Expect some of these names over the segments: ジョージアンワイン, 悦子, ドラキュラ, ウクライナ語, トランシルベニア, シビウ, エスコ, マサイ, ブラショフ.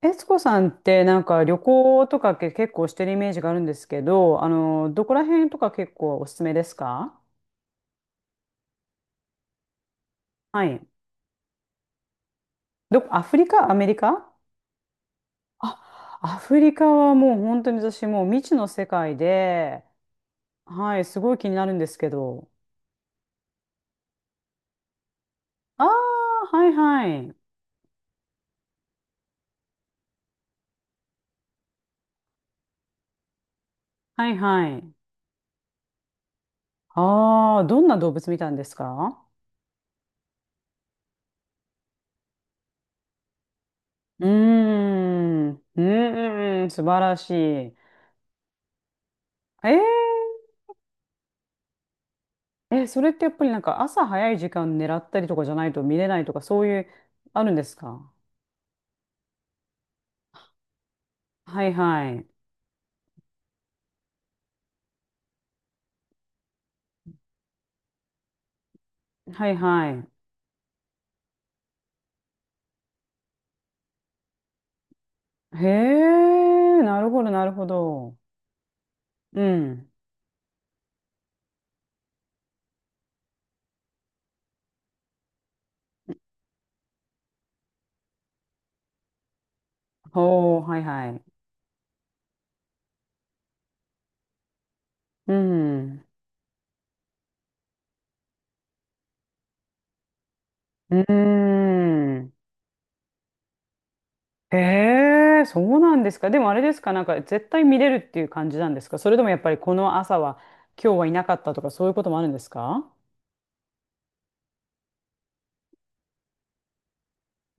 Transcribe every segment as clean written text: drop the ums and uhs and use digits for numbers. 悦子さんってなんか旅行とかけ結構してるイメージがあるんですけど、どこら辺とか結構おすすめですか？はい。どこ、アフリカアメリカ？あ、アフリカはもう本当に私もう未知の世界で、はい、すごい気になるんですけど。ああ、はいはい。はいはい。ああ、どんな動物見たんですか？うーん、うーん、素晴らしい。ーえ、それってやっぱりなんか朝早い時間狙ったりとかじゃないと見れないとかそういう、あるんですか？はいはい。はいはい。へえ、なるほどなるほど。うん。ほう、はいはい。うん。うーん。へえ、そうなんですか。でもあれですか、なんか絶対見れるっていう感じなんですか？それともやっぱりこの朝は今日はいなかったとかそういうこともあるんですか？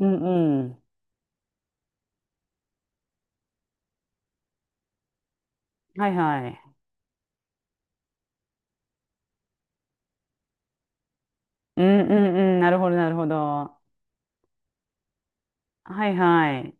うんうん。はいはい。うんうんうん。なるほどなるほど。はいはい。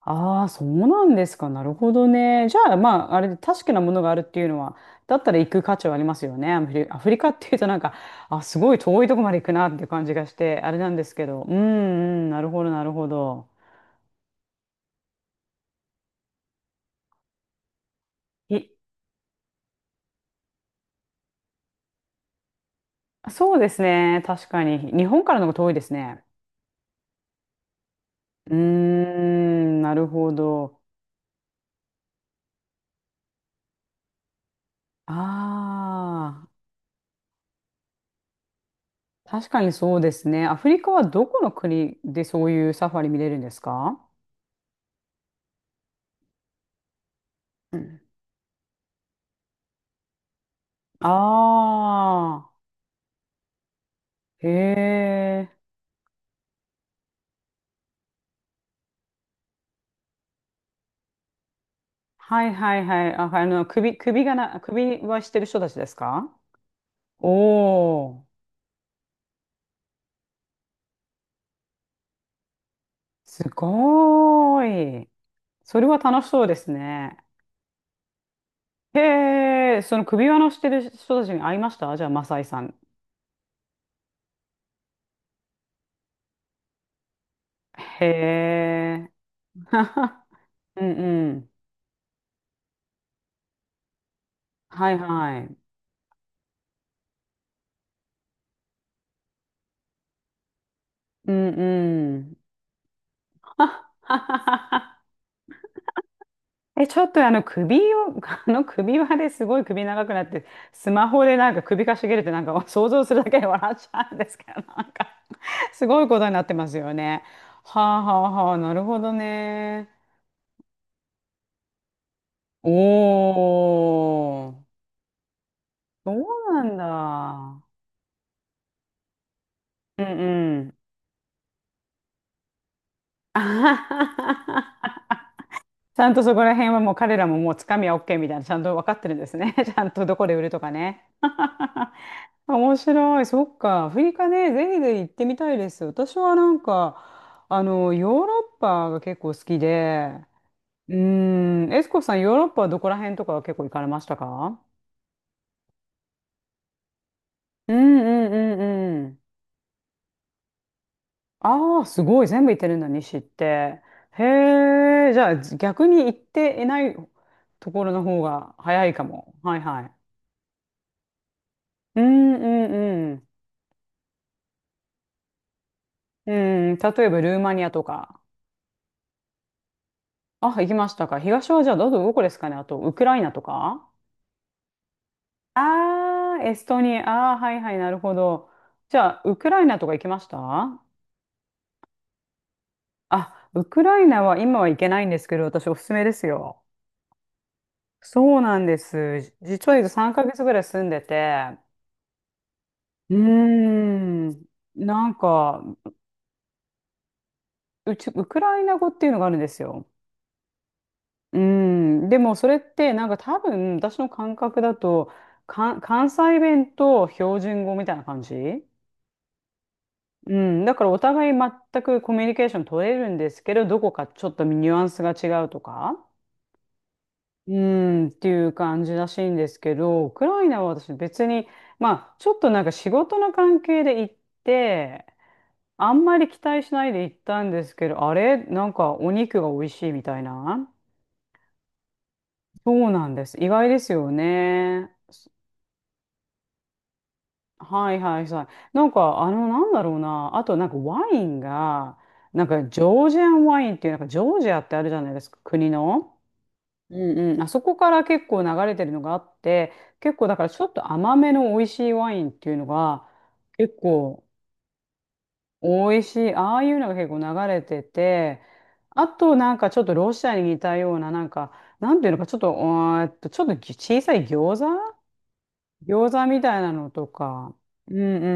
ああ、そうなんですか。なるほどね。じゃあ、まあ、あれ、確かなものがあるっていうのは、だったら行く価値はありますよね。アフリカっていうとなんか、あ、すごい遠いとこまで行くなっていう感じがして、あれなんですけど。うん、うん、なるほど、なるほど。い、そうですね。確かに。日本からの方が遠いですね。うーん、なるほど。ああ、確かにそうですね。アフリカはどこの国でそういうサファリ見れるんですか？うん、ああ、へえ。はいはいはい。あ、首、首がな、首はしてる人たちですか？おー、すごーい。それは楽しそうですね。へえ、その首輪のしてる人たちに会いました？じゃあ、マサイさん。へえ。うんうん。はいはい。うんうん。え、ちょっとあの首を、あの首輪ですごい首長くなって、スマホでなんか首かしげるってなんか想像するだけで笑っちゃうんですけど、なんかすごいことになってますよね。はあはあはあ、なるほどね。おー、そうなんだ。うんうん。あははは、ちゃんとそこら辺はもう彼らももうつかみは OK みたいな、ちゃんと分かってるんですね。ちゃんとどこで売るとかね。面白い。そっか。アフリカね、ぜひぜひ行ってみたいです。私はなんか、ヨーロッパが結構好きで、うーん、エスコさん、ヨーロッパはどこら辺とかは結構行かれましたか？うんうんうんうん。ああ、すごい。全部行ってるんだ、西って。へえ、じゃあ逆に行っていないところの方が早いかも。はいはい。うんうんうん。うん、例えばルーマニアとか。あ、行きましたか。東はじゃあどこですかね。あと、ウクライナとか。ああ、エストニア。ああ、はいはい、なるほど。じゃあ、ウクライナとか行きました？あ、ウクライナは今は行けないんですけど、私おすすめですよ。そうなんです。実は3ヶ月ぐらい住んでて、うーん、なんか、ウクライナ語っていうのがあるんですよ。うーん、でもそれってなんか多分私の感覚だと、関西弁と標準語みたいな感じ、うん、だからお互い全くコミュニケーション取れるんですけど、どこかちょっとニュアンスが違うとか、うん、っていう感じらしいんですけど、ウクライナは私別に、まあ、ちょっとなんか仕事の関係で行って、あんまり期待しないで行ったんですけど、あれなんかお肉が美味しいみたいな。そうなんです。意外ですよね。はいはいはい。なんか、なんだろうな。あと、なんかワインが、なんかジョージアンワインっていう、なんかジョージアってあるじゃないですか、国の。うんうん。あそこから結構流れてるのがあって、結構だからちょっと甘めの美味しいワインっていうのが、結構美味しい。ああいうのが結構流れてて、あとなんかちょっとロシアに似たような、なんか、なんていうのか、ちょっと、ちょっと小さい餃子餃子みたいなのとか、うんう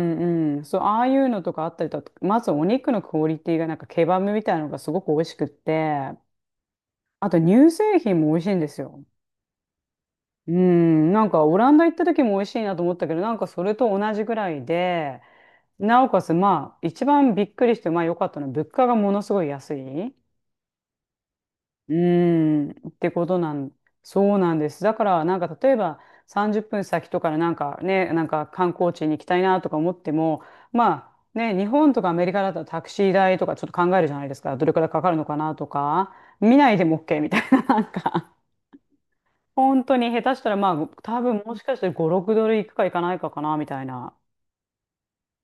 んうん、そう、ああいうのとかあったりとか、まずお肉のクオリティがなんかケバブみたいなのがすごく美味しくって、あと乳製品も美味しいんですよ。うん、なんかオランダ行った時も美味しいなと思ったけど、なんかそれと同じぐらいで、なおかつまあ一番びっくりしてまあ良かったのは物価がものすごい安い。うーん、ってことなん、そうなんです。だから、なんか例えば30分先とかでなんかね、なんか観光地に行きたいなとか思っても、まあね、日本とかアメリカだとタクシー代とかちょっと考えるじゃないですか。どれくらいかかるのかなとか、見ないでも OK みたいな、なんか、本当に下手したらまあ、多分もしかしたら5、6ドル行くか行かないかかなみたいな。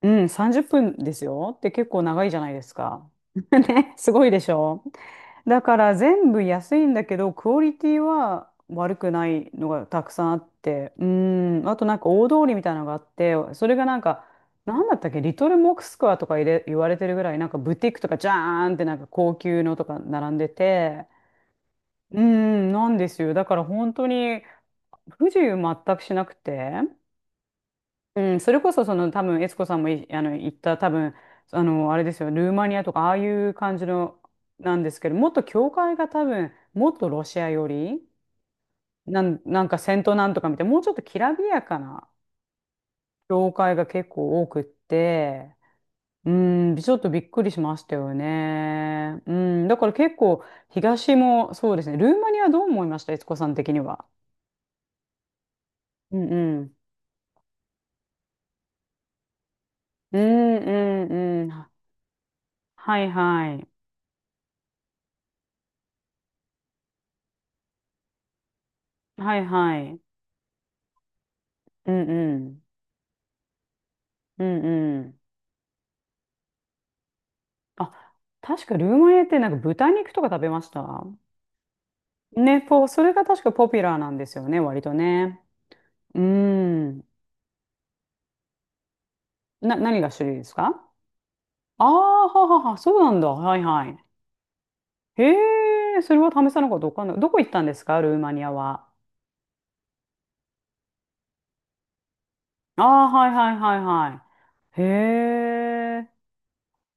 うん、30分ですよって結構長いじゃないですか。ね、すごいでしょ？だから全部安いんだけど、クオリティは悪くないのがたくさんあって、うん、あとなんか大通りみたいなのがあって、それがなんか、なんだったっけ、リトルモクスクワとか言われてるぐらい、なんかブティックとかジャーンってなんか高級のとか並んでて、うん、なんですよ。だから本当に不自由全くしなくて。うん、それこそその多分悦子さんもいあの言った多分、あれですよ。ルーマニアとかああいう感じのなんですけど、もっと教会が多分もっとロシア寄りなん、なんかセントなんとかみたいな、もうちょっときらびやかな教会が結構多くって、うん、ちょっとびっくりしましたよね。うん、だから結構東もそうですね。ルーマニア、どう思いました？悦子さん的には？うんうんうんうんうん。はいはいはいはい。うんうんうんうん。あ、確かルーマニアってなんか豚肉とか食べました？ね、それが確かポピュラーなんですよね、割とね。うん。何が種類ですか？ああー、ははは、そうなんだ。はいはい。へえ、それは試さなかったわかんない。どこ行ったんですか、ルーマニアは。ああ、はいはいはいはい。へえ。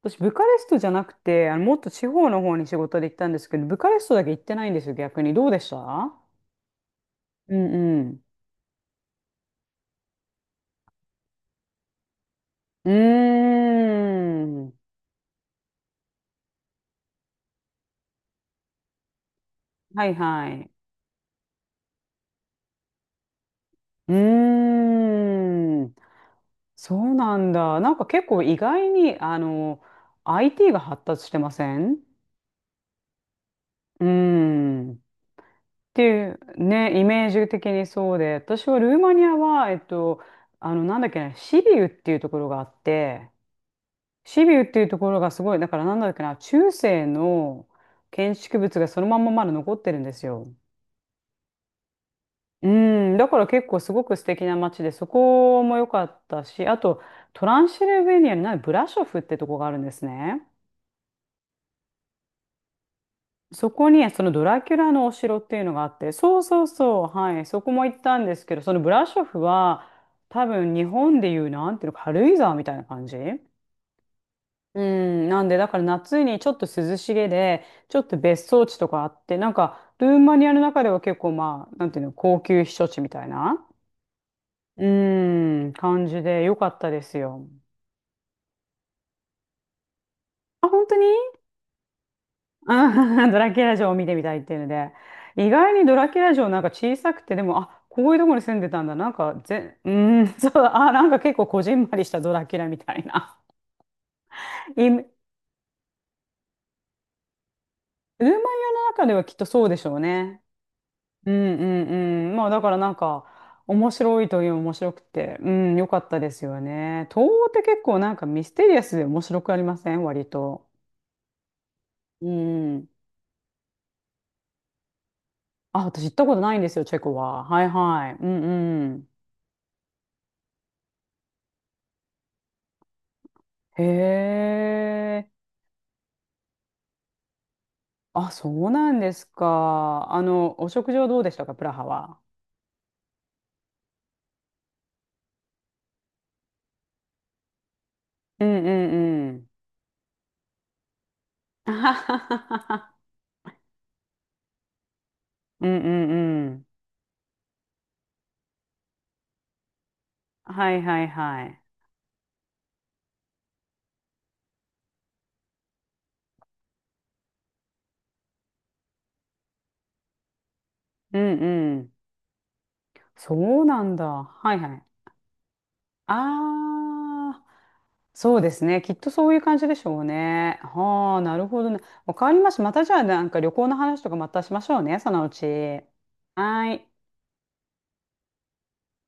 私、ブカレストじゃなくて、もっと地方の方に仕事で行ったんですけど、ブカレストだけ行ってないんですよ、逆に。どうでした？うんうん。うーん。はいはい。うーん。そうなんだ。なんか結構意外に、IT が発達してません？うーん。っていう、ね、イメージ的にそうで、私はルーマニアは、なんだっけな、シビウっていうところがあって、シビウっていうところがすごい、だからなんだっけな、中世の建築物がそのまんままだ残ってるんですよ。うん、だから結構すごく素敵な街で、そこも良かったし、あとトランシルベニアにないブラショフってとこがあるんですね。そこにそのドラキュラのお城っていうのがあって、そうそうそう、はい、そこも行ったんですけど、そのブラショフは多分日本でいうなんていうの、軽井沢みたいな感じ、うん、なんでだから夏にちょっと涼しげで、ちょっと別荘地とかあって、なんかルーマニアの中では結構まあ、なんていうの、高級避暑地みたいな。うーん、感じで良かったですよ。あ、本当に？うん。 ドラキュラ城を見てみたいっていうので。意外にドラキュラ城なんか小さくて、でも、あ、こういうとこに住んでたんだ。なんかうーん、そう、あ、なんか結構こじんまりしたドラキュラみたいな。イルーマニアの中ではきっとそうでしょうね。うんうんうん。まあだからなんか、面白いという面白くて、うん、良かったですよね。東欧って結構なんかミステリアスで面白くありません？割と。うん。あ、私行ったことないんですよ、チェコは。はいはい。うんうん。へえ。あ、そうなんですか。お食事はどうでしたか、プラハは。うんうんうん。あはははは。うんうんうん。はいはいはい。うんうん。そうなんだ。はいはい。ああ、そうですね。きっとそういう感じでしょうね。はあ、なるほどね。わかりました。またじゃあ、なんか旅行の話とかまたしましょうね、そのうち。はい。